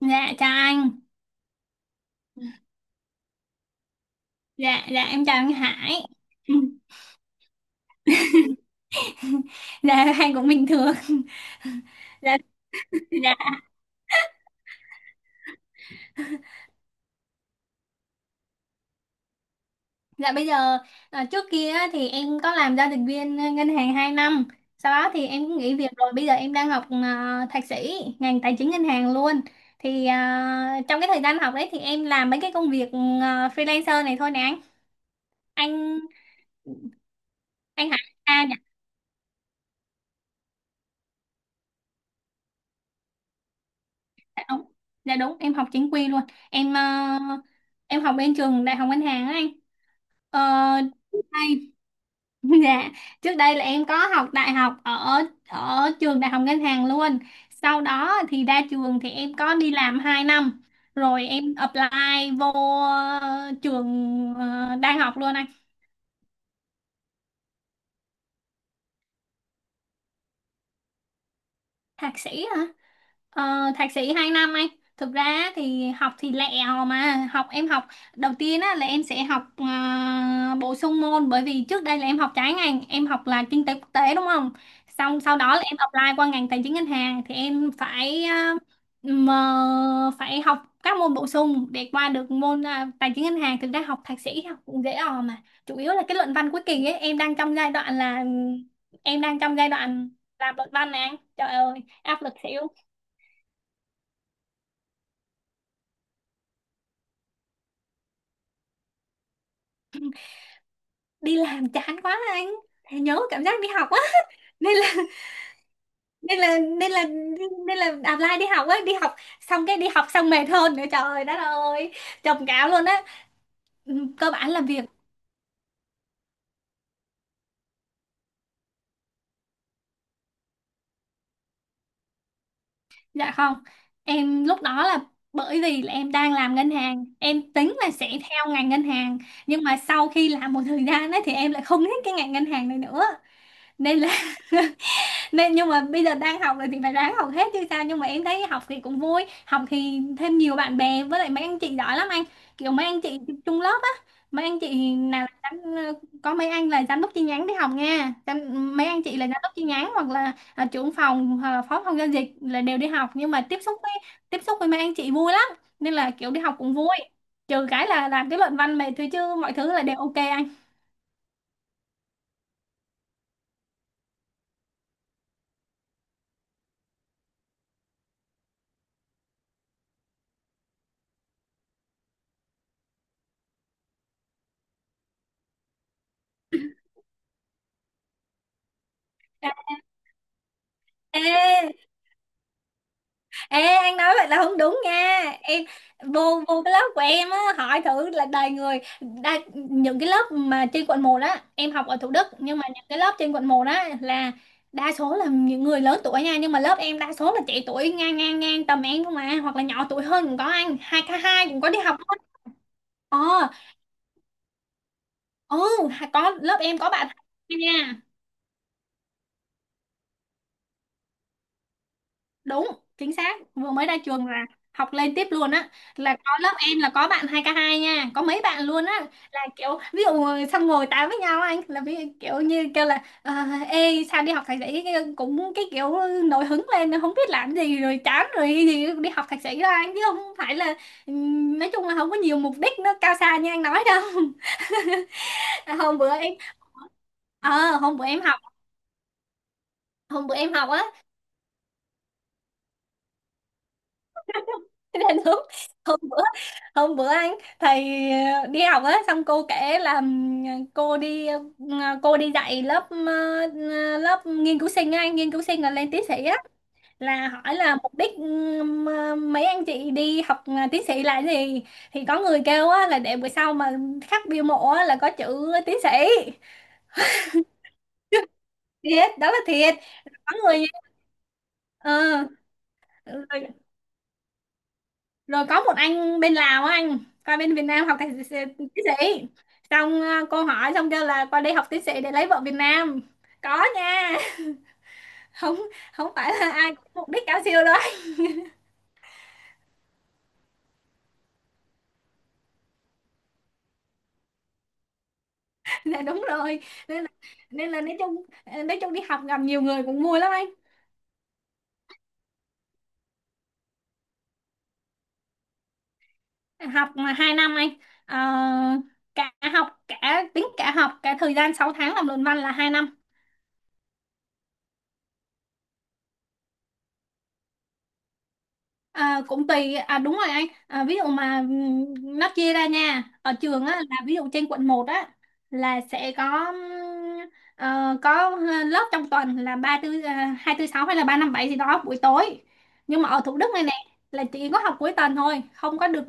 Dạ chào anh. Dạ dạ em chào anh Hải. Dạ anh cũng bình thường. Dạ dạ. Dạ bây giờ trước kia á, thì em có làm giao dịch viên ngân hàng 2 năm. Sau đó thì em cũng nghỉ việc rồi. Bây giờ em đang học thạc sĩ ngành tài chính ngân hàng luôn. Thì trong cái thời gian học đấy thì em làm mấy cái công việc freelancer này thôi nè anh. Anh anh Hải dạ dạ đúng. Dạ đúng, em học chính quy luôn. Em à, em học bên trường Đại học Ngân hàng á anh. Ờ, trước đây, dạ, trước đây là em có học đại học ở ở trường đại học ngân hàng luôn. Sau đó thì ra trường thì em có đi làm 2 năm, rồi em apply vô trường đang học luôn anh, thạc sĩ hả? Ờ, thạc sĩ 2 năm anh thực ra thì học thì lẹ hò mà học em học đầu tiên á, là em sẽ học bổ sung môn bởi vì trước đây là em học trái ngành em học là kinh tế quốc tế đúng không xong sau đó là em apply qua ngành tài chính ngân hàng thì em phải mà phải học các môn bổ sung để qua được môn tài chính ngân hàng thực ra học thạc sĩ học cũng dễ ò mà chủ yếu là cái luận văn cuối kỳ ấy em đang trong giai đoạn là em đang trong giai đoạn làm luận văn nè anh. Trời ơi áp lực xỉu đi làm chán quá anh thầy nhớ cảm giác đi học á nên là nên là nên là nên là apply đi học á đi học xong cái đi học xong mệt hơn nữa trời đất ơi trầm cảm luôn á. Ừ, cơ bản là việc dạ không em lúc đó là bởi vì là em đang làm ngân hàng em tính là sẽ theo ngành ngân hàng nhưng mà sau khi làm một thời gian ấy, thì em lại không thích cái ngành ngân hàng này nữa nên là nên nhưng mà bây giờ đang học rồi thì phải ráng học hết chứ sao nhưng mà em thấy học thì cũng vui học thì thêm nhiều bạn bè với lại mấy anh chị giỏi lắm anh kiểu mấy anh chị chung lớp á mấy anh chị nào là có mấy anh là giám đốc chi nhánh đi học nha mấy anh chị là giám đốc chi nhánh hoặc là trưởng phòng hoặc là phó phòng giao dịch là đều đi học nhưng mà tiếp xúc với mấy anh chị vui lắm nên là kiểu đi học cũng vui trừ cái là làm cái luận văn mệt thôi chứ mọi thứ là đều ok anh. Ê ê, anh nói vậy là không đúng nha. Em vô vô cái lớp của em á, hỏi thử là đầy người đa, những cái lớp mà trên Quận 1 á, em học ở Thủ Đức nhưng mà những cái lớp trên Quận 1 á là đa số là những người lớn tuổi nha, nhưng mà lớp em đa số là trẻ tuổi ngang ngang ngang tầm em không à, hoặc là nhỏ tuổi hơn cũng có anh, 2K2 cũng có đi học luôn. Ờ, ừ, có lớp em có bạn nha. Đúng chính xác vừa mới ra trường là học lên tiếp luôn á là có lớp em là có bạn 2K2 nha có mấy bạn luôn á là kiểu ví dụ xong ngồi tám với nhau anh là ví dụ kiểu như kêu là ê sao đi học thạc sĩ cũng cái kiểu nổi hứng lên không biết làm gì rồi chán rồi thì đi học thạc sĩ đó anh chứ không phải là nói chung là không có nhiều mục đích nó cao xa như anh nói đâu. À, ờ hôm bữa em học hôm bữa em học á. Thế nên hôm, hôm bữa hôm bữa anh thầy đi học á xong cô kể là cô đi ờ, cô đi dạy lớp lớp nghiên cứu sinh á, anh nghiên cứu sinh là lên tiến sĩ á là hỏi là mục đích mấy anh chị đi học tiến sĩ là gì thì có người kêu á là để bữa sau mà khắc bia mộ á là có chữ tiến sĩ thiệt đó là thiệt có người ờ, rồi rồi có một anh bên Lào á anh qua bên Việt Nam học thạc sĩ tiến sĩ xong cô hỏi xong kêu là qua đây học tiến sĩ để lấy vợ Việt Nam có nha. Không không phải là ai cũng mục đích cao siêu đâu. Là đúng rồi nên là, nên là nói chung nói chung đi học gặp nhiều người cũng vui lắm anh. học mà 2 năm anh. Ờ, cả học cả tính cả học cả thời gian 6 tháng làm luận văn là 2 năm. Cũng tùy à đúng rồi anh à, ví dụ mà nó chia ra nha ở trường á là ví dụ trên quận một á là sẽ có có lớp trong tuần là ba tư hai tư sáu hay là ba năm bảy gì đó buổi tối nhưng mà ở Thủ Đức này nè là chỉ có học cuối tuần thôi không có được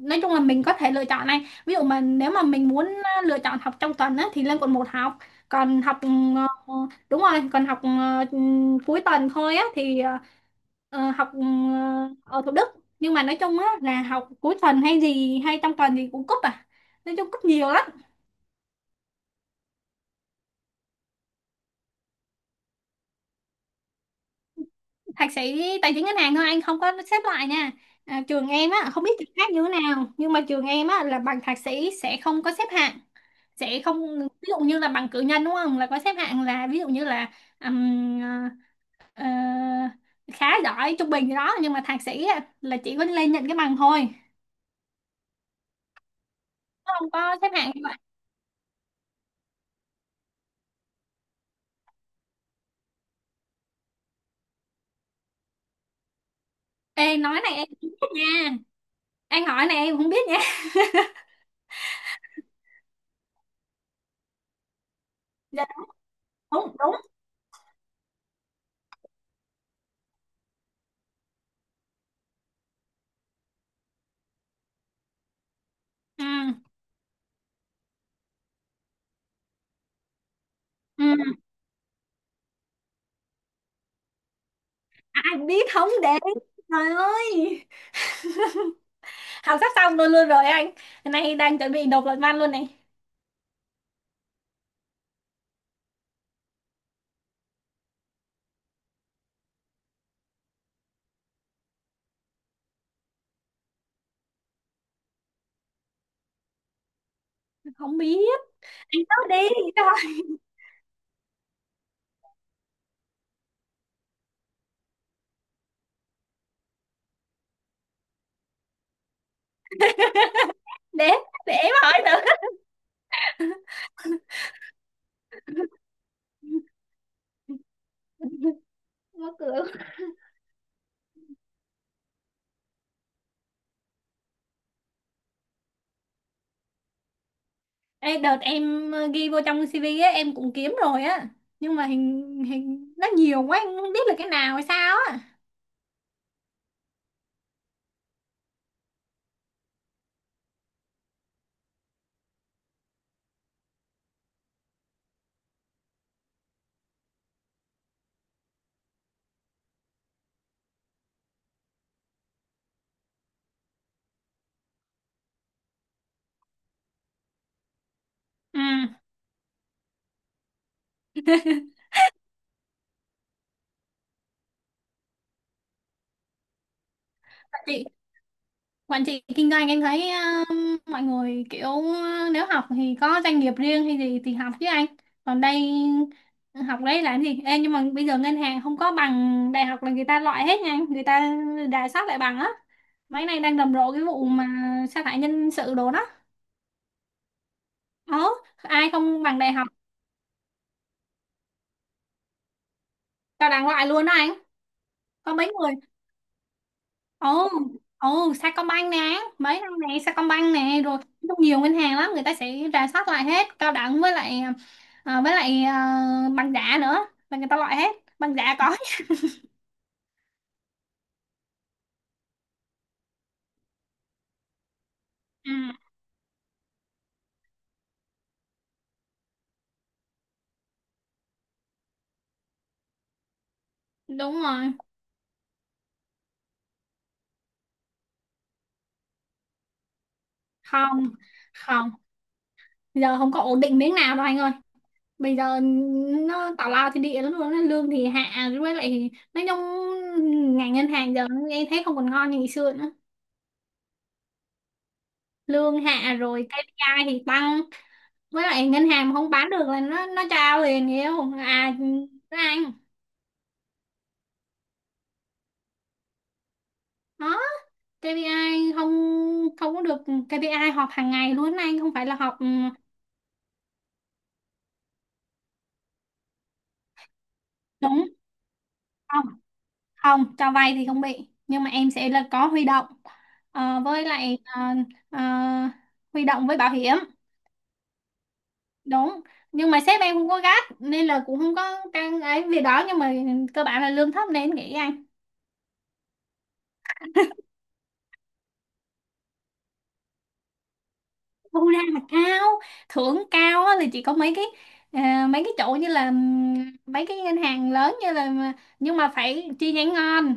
nói chung là mình có thể lựa chọn này ví dụ mà nếu mà mình muốn lựa chọn học trong tuần á thì lên Quận 1 học còn học ờ, ờ, đúng rồi còn học cuối tuần thôi á thì học ở Thủ Đức nhưng mà nói chung á là học cuối tuần hay gì hay trong tuần thì cũng cúp à nói chung cúp nhiều lắm. Thạc sĩ tài chính ngân hàng thôi anh không có xếp loại nha trường em á không biết trường khác như thế nào nhưng mà trường em á là bằng thạc sĩ sẽ không có xếp hạng sẽ không ví dụ như là bằng cử nhân đúng không là có xếp hạng là ví dụ như là ừm, ờ, ờ, khá giỏi trung bình gì đó nhưng mà thạc sĩ á, là chỉ có lên nhận cái bằng thôi không có xếp hạng như vậy. Ê nói này em nha anh hỏi này em không biết nha. Dạ đúng đúng ừ. Ừ. Ai biết không đấy trời ơi. Học sắp xong luôn luôn rồi anh nay đang chuẩn bị nộp luận văn luôn này không biết anh nói đi. Trời để để em hỏi nữa mở cửa. Ê, đợt em ghi vô trong CV á em cũng kiếm rồi á nhưng mà hình hình nó nhiều quá em không biết là cái nào hay sao á ừ. Chị quản trị kinh doanh em thấy mọi người kiểu nếu học thì có doanh nghiệp riêng hay gì thì học chứ anh còn đây học đấy là cái gì. Ê, nhưng mà bây giờ ngân hàng không có bằng đại học là người ta loại hết nha anh. Người ta rà soát lại bằng á mấy nay đang rầm rộ cái vụ mà sa thải nhân sự đồ đó ờ ai không bằng đại học cao đẳng loại luôn đó anh có mấy người. Ồ ồ Sacombank nè mấy năm này Sacombank nè rồi rất nhiều ngân hàng lắm người ta sẽ rà soát lại hết cao đẳng với lại với lại bằng giả nữa là người ta loại hết bằng giả có. Ừ, đúng rồi không không giờ không có ổn định miếng nào đâu anh ơi bây giờ nó tào lao thì địa lắm luôn á, lương thì hạ với lại nói chung ngành ngân hàng giờ em thấy không còn ngon như ngày xưa nữa lương hạ rồi KPI thì tăng với lại ngân hàng mà không bán được là nó trao liền hiểu à nó ăn đó KPI không không có được KPI họp hàng ngày luôn anh không phải là họp đúng không không cho vay thì không bị nhưng mà em sẽ là có huy động. Ờ, với lại ờ, ờ, huy động với bảo hiểm đúng nhưng mà sếp em không có gắt nên là cũng không có căng ấy việc đó nhưng mà cơ bản là lương thấp nên nghĩ thu ra là cao thưởng cao á, là chỉ có mấy cái mấy cái chỗ như là mấy cái ngân hàng lớn như là nhưng mà phải chi nhánh ngon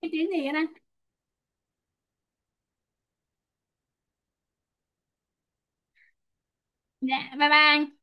cái tiếng gì đó. Dạ bye bye.